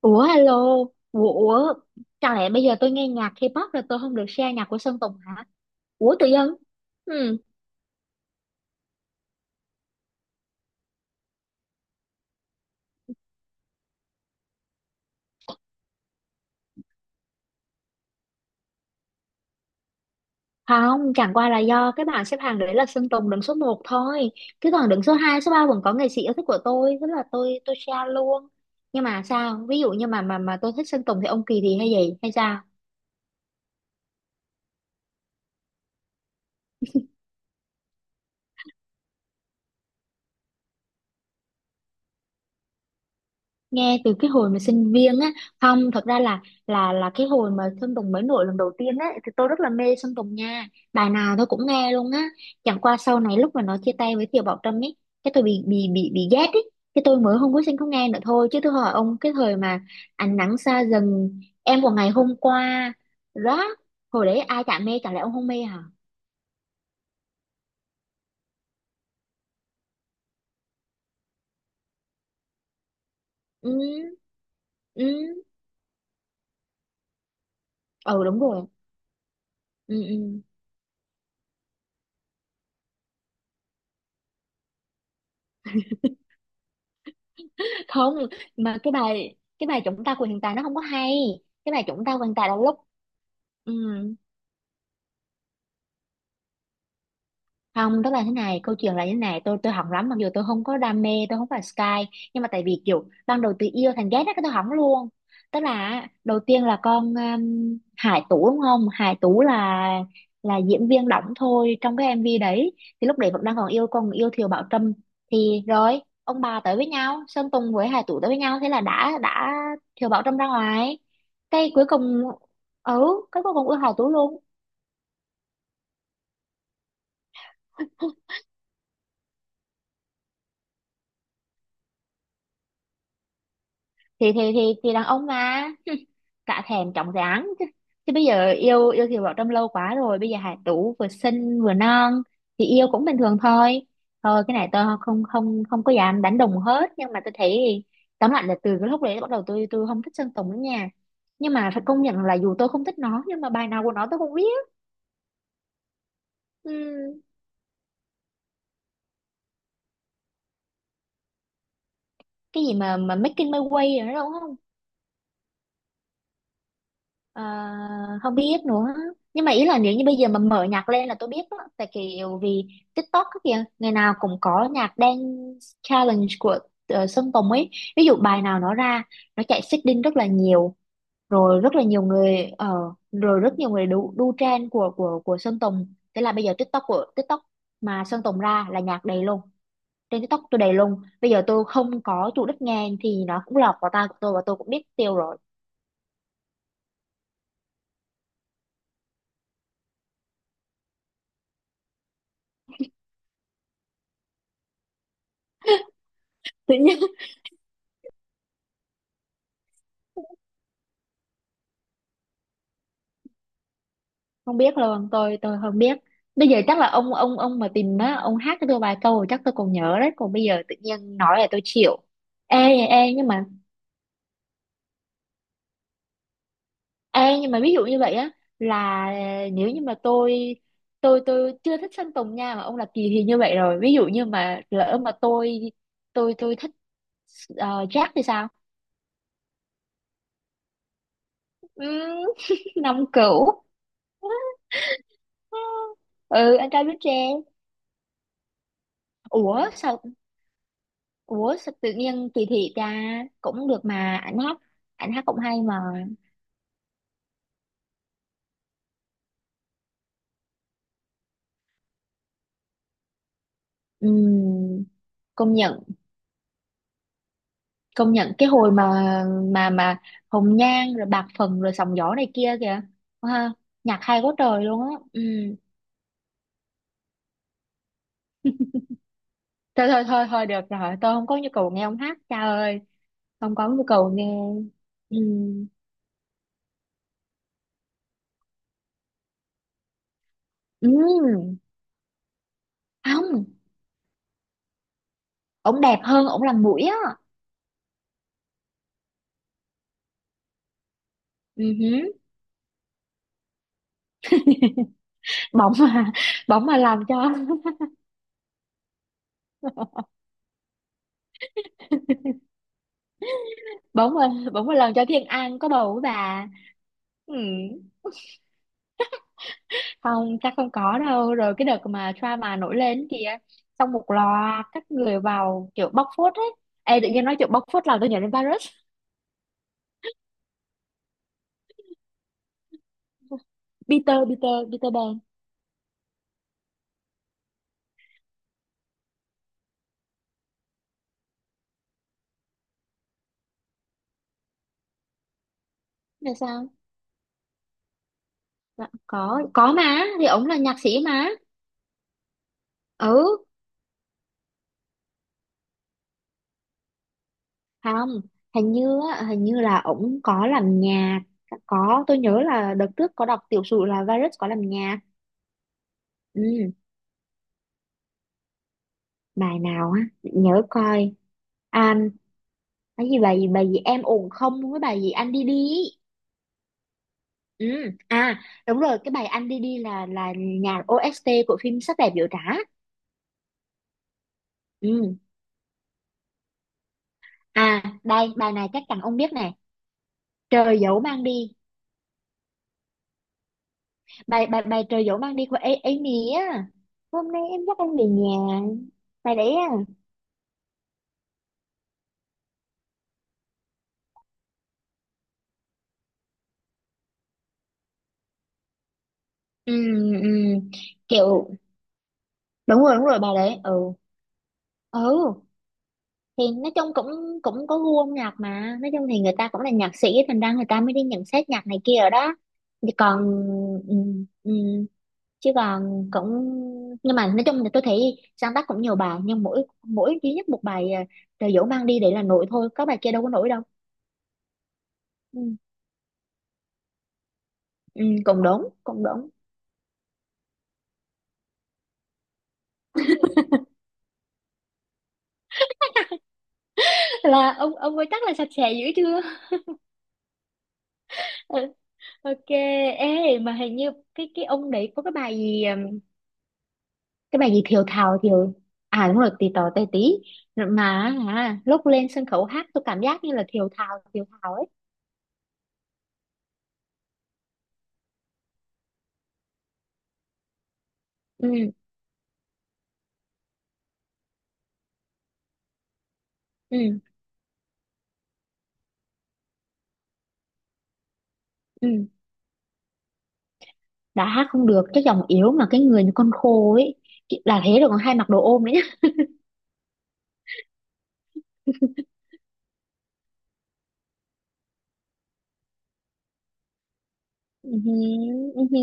Ủa alo, ủa, ủa, chẳng lẽ bây giờ tôi nghe nhạc K-pop là tôi không được share nhạc của Sơn Tùng hả? Ủa tự dưng? Ừ, không, chẳng qua là do cái bảng xếp hạng đấy là Sơn Tùng đứng số một thôi. Chứ còn đứng số 2, số 3 vẫn có nghệ sĩ yêu thích của tôi, thế là tôi share luôn. Nhưng mà sao? Ví dụ như mà tôi thích Sơn Tùng thì ông Kỳ thì hay gì hay sao? Nghe từ cái hồi mà sinh viên á. Không, thật ra là cái hồi mà Sơn Tùng mới nổi lần đầu tiên á thì tôi rất là mê Sơn Tùng nha. Bài nào tôi cũng nghe luôn á. Chẳng qua sau này lúc mà nó chia tay với Thiều Bảo Trâm ấy, cái tôi bị ghét ấy, cái tôi mới không có sinh không nghe nữa thôi. Chứ tôi hỏi ông, cái thời mà ánh nắng xa dần, em của ngày hôm qua đó, hồi đấy ai chả mê, chả lẽ ông không mê hả? Ừ, ừ, ừ, đúng rồi. Ừ, ừ. Không, mà cái bài chúng ta của hiện tại nó không có hay. Cái bài chúng ta của hiện tại là lúc... Ừ, không, tức là thế này, câu chuyện là như thế này, tôi hỏng lắm, mặc dù tôi không có đam mê, tôi không phải Sky, nhưng mà tại vì kiểu ban đầu từ yêu thành ghét đó cái tôi hỏng luôn. Tức là á, đầu tiên là con Hải Tú đúng không? Hải Tú là diễn viên đóng thôi trong cái MV đấy, thì lúc đấy vẫn đang còn yêu Thiều Bảo Trâm. Thì rồi ông bà tới với nhau, Sơn Tùng với Hải Tú tới với nhau, thế là đã Thiều Bảo Trâm ra ngoài. Cái cuối cùng. Ừ, cái cuối cùng yêu Hải Tú luôn. Thì đàn ông mà cả thèm chóng dáng chứ chứ bây giờ yêu yêu Kiều Bảo Trâm lâu quá rồi, bây giờ Hải Tú vừa xinh vừa non thì yêu cũng bình thường thôi. Thôi, cái này tôi không không không có dám đánh đồng hết, nhưng mà tôi thấy tóm lại là từ cái lúc đấy bắt đầu tôi không thích Sơn Tùng nữa nha. Nhưng mà phải công nhận là dù tôi không thích nó nhưng mà bài nào của nó tôi cũng biết. Ừm, cái gì mà Making My Way rồi đó đúng không? Ờ, không biết nữa. Nhưng mà ý là nếu như bây giờ mà mở nhạc lên là tôi biết á, tại kiểu vì TikTok á kìa, ngày nào cũng có nhạc dance challenge của Sơn Tùng ấy. Ví dụ bài nào nó ra, nó chạy xích đinh rất là nhiều, rồi rất là nhiều người rồi rất nhiều người đu trend của Sơn Tùng, thế là bây giờ TikTok của TikTok mà Sơn Tùng ra là nhạc đầy luôn. Trên TikTok tôi đầy luôn, bây giờ tôi không có chủ đích nghe thì nó cũng lọt vào tai của tôi và tôi cũng biết tiêu rồi. Không biết luôn, tôi không biết. Bây giờ chắc là ông mà tìm á, ông hát cho tôi vài câu rồi chắc tôi còn nhớ đấy, còn bây giờ tự nhiên nói là tôi chịu. Ê ê nhưng mà ê nhưng mà ví dụ như vậy á, là nếu như mà tôi chưa thích Sơn Tùng nha mà ông là kỳ thì như vậy rồi, ví dụ như mà lỡ mà tôi thích uh, Jack thì sao? Ừm. Năm cửu. Ừ, anh trai biết tre. Ủa sao Ủa sao tự nhiên kỳ thị ta? Cũng được mà, ảnh hát cũng hay mà. Ừm, công nhận. Công nhận cái hồi mà mà mà Hồng Nhan rồi Bạc Phần rồi Sóng Gió này kia kìa ha, nhạc hay quá trời luôn á. Ừ. thôi thôi thôi thôi được rồi, tôi không có nhu cầu nghe ông hát, cha ơi. Không có nhu cầu nghe. Ừ. Ừ. Không, ông đẹp hơn, ông làm mũi á. Ừ hứ. Bóng mà bỗng mà làm cho bỗng một lần cho Thiên An có bầu với bà. Ừ. Không, chắc không có đâu, rồi cái đợt mà drama nổi lên kìa, xong một loạt các người vào kiểu bóc phốt ấy. Ê, tự nhiên nói chuyện bóc phốt làm tôi nhớ đến virus. Peter Peter Peter Pan. Là sao? Dạ, có mà, thì ổng là nhạc sĩ mà. Ừ. Không, hình như là ổng có làm nhạc. Có, tôi nhớ là đợt trước có đọc tiểu sử là virus có làm nhạc. Ừ, bài nào á, để nhớ coi. À, cái gì, bài gì em ổn không với bài gì anh đi đi ý. Ừ. À, đúng rồi, cái bài anh đi đi là nhạc OST của phim Sắc đẹp biểu trá. Ừ. À, đây bài này chắc chắn ông biết nè, trời dẫu mang đi. Bài bài bài trời dẫu mang đi của Amy á. Hôm nay em dắt anh về nhà, bài đấy á. Ừ, ừ. Kiểu, đúng rồi bài đấy. Ừ. Ừ, thì nói chung cũng cũng có gu âm nhạc mà, nói chung thì người ta cũng là nhạc sĩ thành ra người ta mới đi nhận xét nhạc này kia ở đó. Thì còn, ừ, ừ, chứ còn cũng... nhưng mà nói chung là tôi thấy sáng tác cũng nhiều bài nhưng mỗi mỗi duy nhất một bài à, Trời dỗ mang đi để là nổi thôi, có bài kia đâu có nổi đâu. Ừ, ừ, cũng đúng cũng đúng. Là ông ấy chắc là sạch sẽ dữ chưa? Ừ, ok. Ê, mà hình như cái ông đấy có cái bài gì, cái bài gì thiều thào thiều... À, đúng rồi, tì tò tè tí mà, à, lúc lên sân khấu hát tôi cảm giác như là thiều thào ấy. Ừ, ừ, ừ, đã hát không được, cái giọng yếu, mà cái người như con khô ấy, là thế rồi còn hay mặc đồ ôm nữa nhá. Ừ hứ, ừ hứ,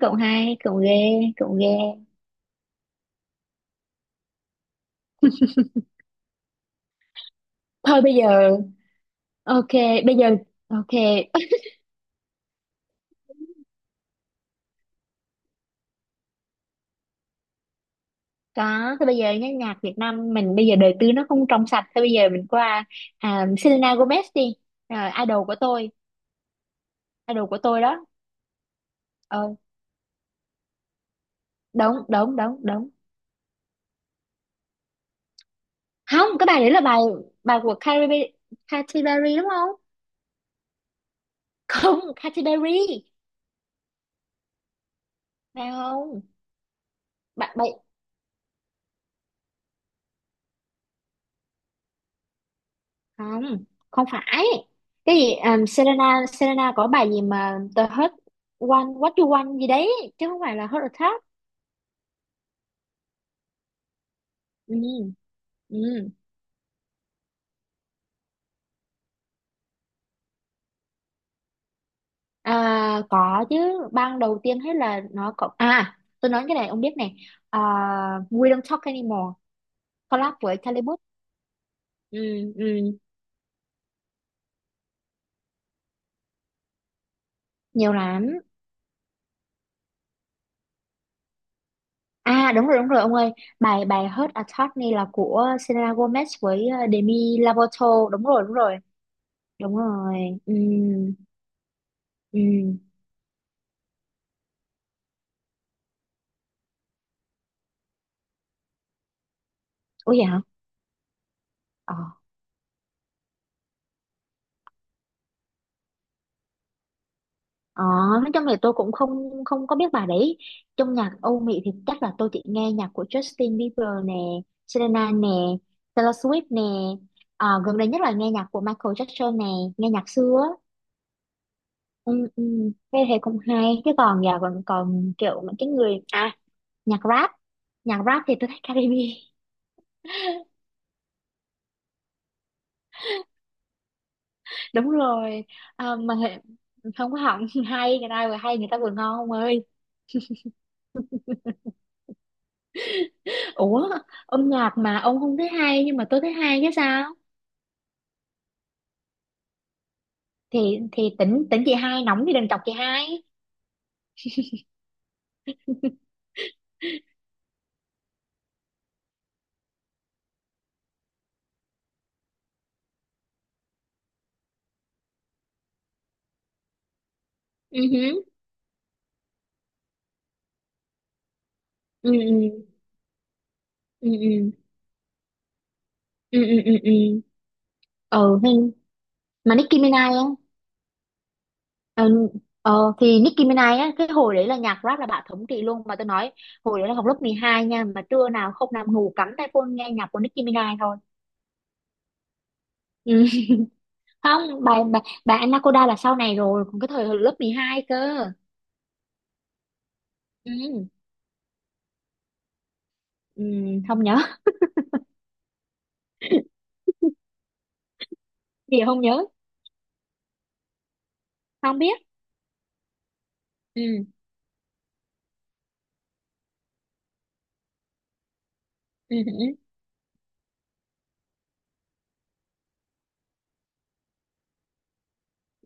cậu hai, cậu ghê, cậu ghê. Thôi bây giờ ok. Bây giờ ok. Có, thôi bây giờ nhá, nhạc Việt Nam mình bây giờ đời tư nó không trong sạch, thôi bây giờ mình qua à, Selena Gomez đi. Rồi, idol của tôi, idol của tôi đó. Ờ, đúng đúng đúng đúng. Không, cái bài đấy là bài bài của Katy Perry, Katy Perry đúng không? Không, Katy Perry phải không? Bạn bài... không, không phải. Cái gì Selena Selena có bài gì mà The Hurt One What You Want gì đấy chứ không phải là Heart Attack. Ừ. Ừ. À, có chứ. Ban đầu tiên hết là nó có à, tôi nói cái này ông biết này, à, We Don't Talk Anymore collab với Charlie Puth. Ừ, ừ. Nhiều lắm. À, đúng rồi ông ơi, bài bài Hurt Attorney là của Selena Gomez với Demi Lovato, đúng rồi đúng rồi đúng rồi. Ừ, ừ. Ủa vậy hả? Ờ, ờ. Nói chung là tôi cũng không không có biết bài đấy. Trong nhạc Âu Mỹ thì chắc là tôi chỉ nghe nhạc của Justin Bieber nè, Selena nè, Taylor Swift nè, à, gần đây nhất là nghe nhạc của Michael Jackson nè, nghe nhạc xưa á. Ừ, ừ, thế thì cũng hay chứ còn giờ, còn còn kiểu những cái người à nhạc rap nhạc rap thì tôi thích Caribe. Đúng rồi. À, mà không có hỏng. Hay, người ta vừa hay, người ta vừa ngon ông ơi. Ủa, âm nhạc mà ông không thấy hay nhưng mà tôi thấy hay chứ sao. Thì tỉnh tỉnh chị hai nóng thì đừng chọc chị hai. Ừ hứ, ừ, ừ, ừ, ừ, ừ, ừ, ừ, ừ, ừ. Ừ, mà Nicki Minaj á. Ờ, ờ, thì Nicki Minaj á, cái hồi đấy là nhạc rap là bà thống trị luôn, mà tôi nói hồi đấy là học lớp 12 nha, mà trưa nào không nằm ngủ cắm tai phone nghe nhạc của Nicki Minaj thôi. Ừ. Không, bà Anaconda là sau này rồi, còn cái thời hồi lớp 12 cơ. Ừ. Ừ. Không nhớ. Thì không nhớ, không biết. Ừ. Ừ. Ừ.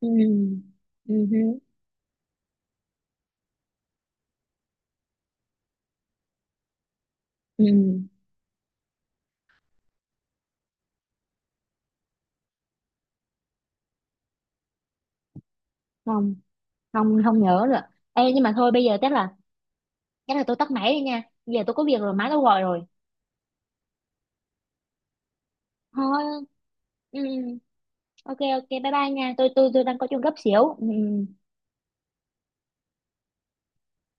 Ừ. Ừ. Ừ. Ừ. Không, không, không nhớ rồi. Ê, nhưng mà thôi bây giờ chắc là tôi tắt máy đi nha, bây giờ tôi có việc rồi, má tôi gọi rồi. Thôi, ừ, ừ. Ok, ok, bye bye nha, tôi đang có chuyện gấp xíu. Ừ, ừ.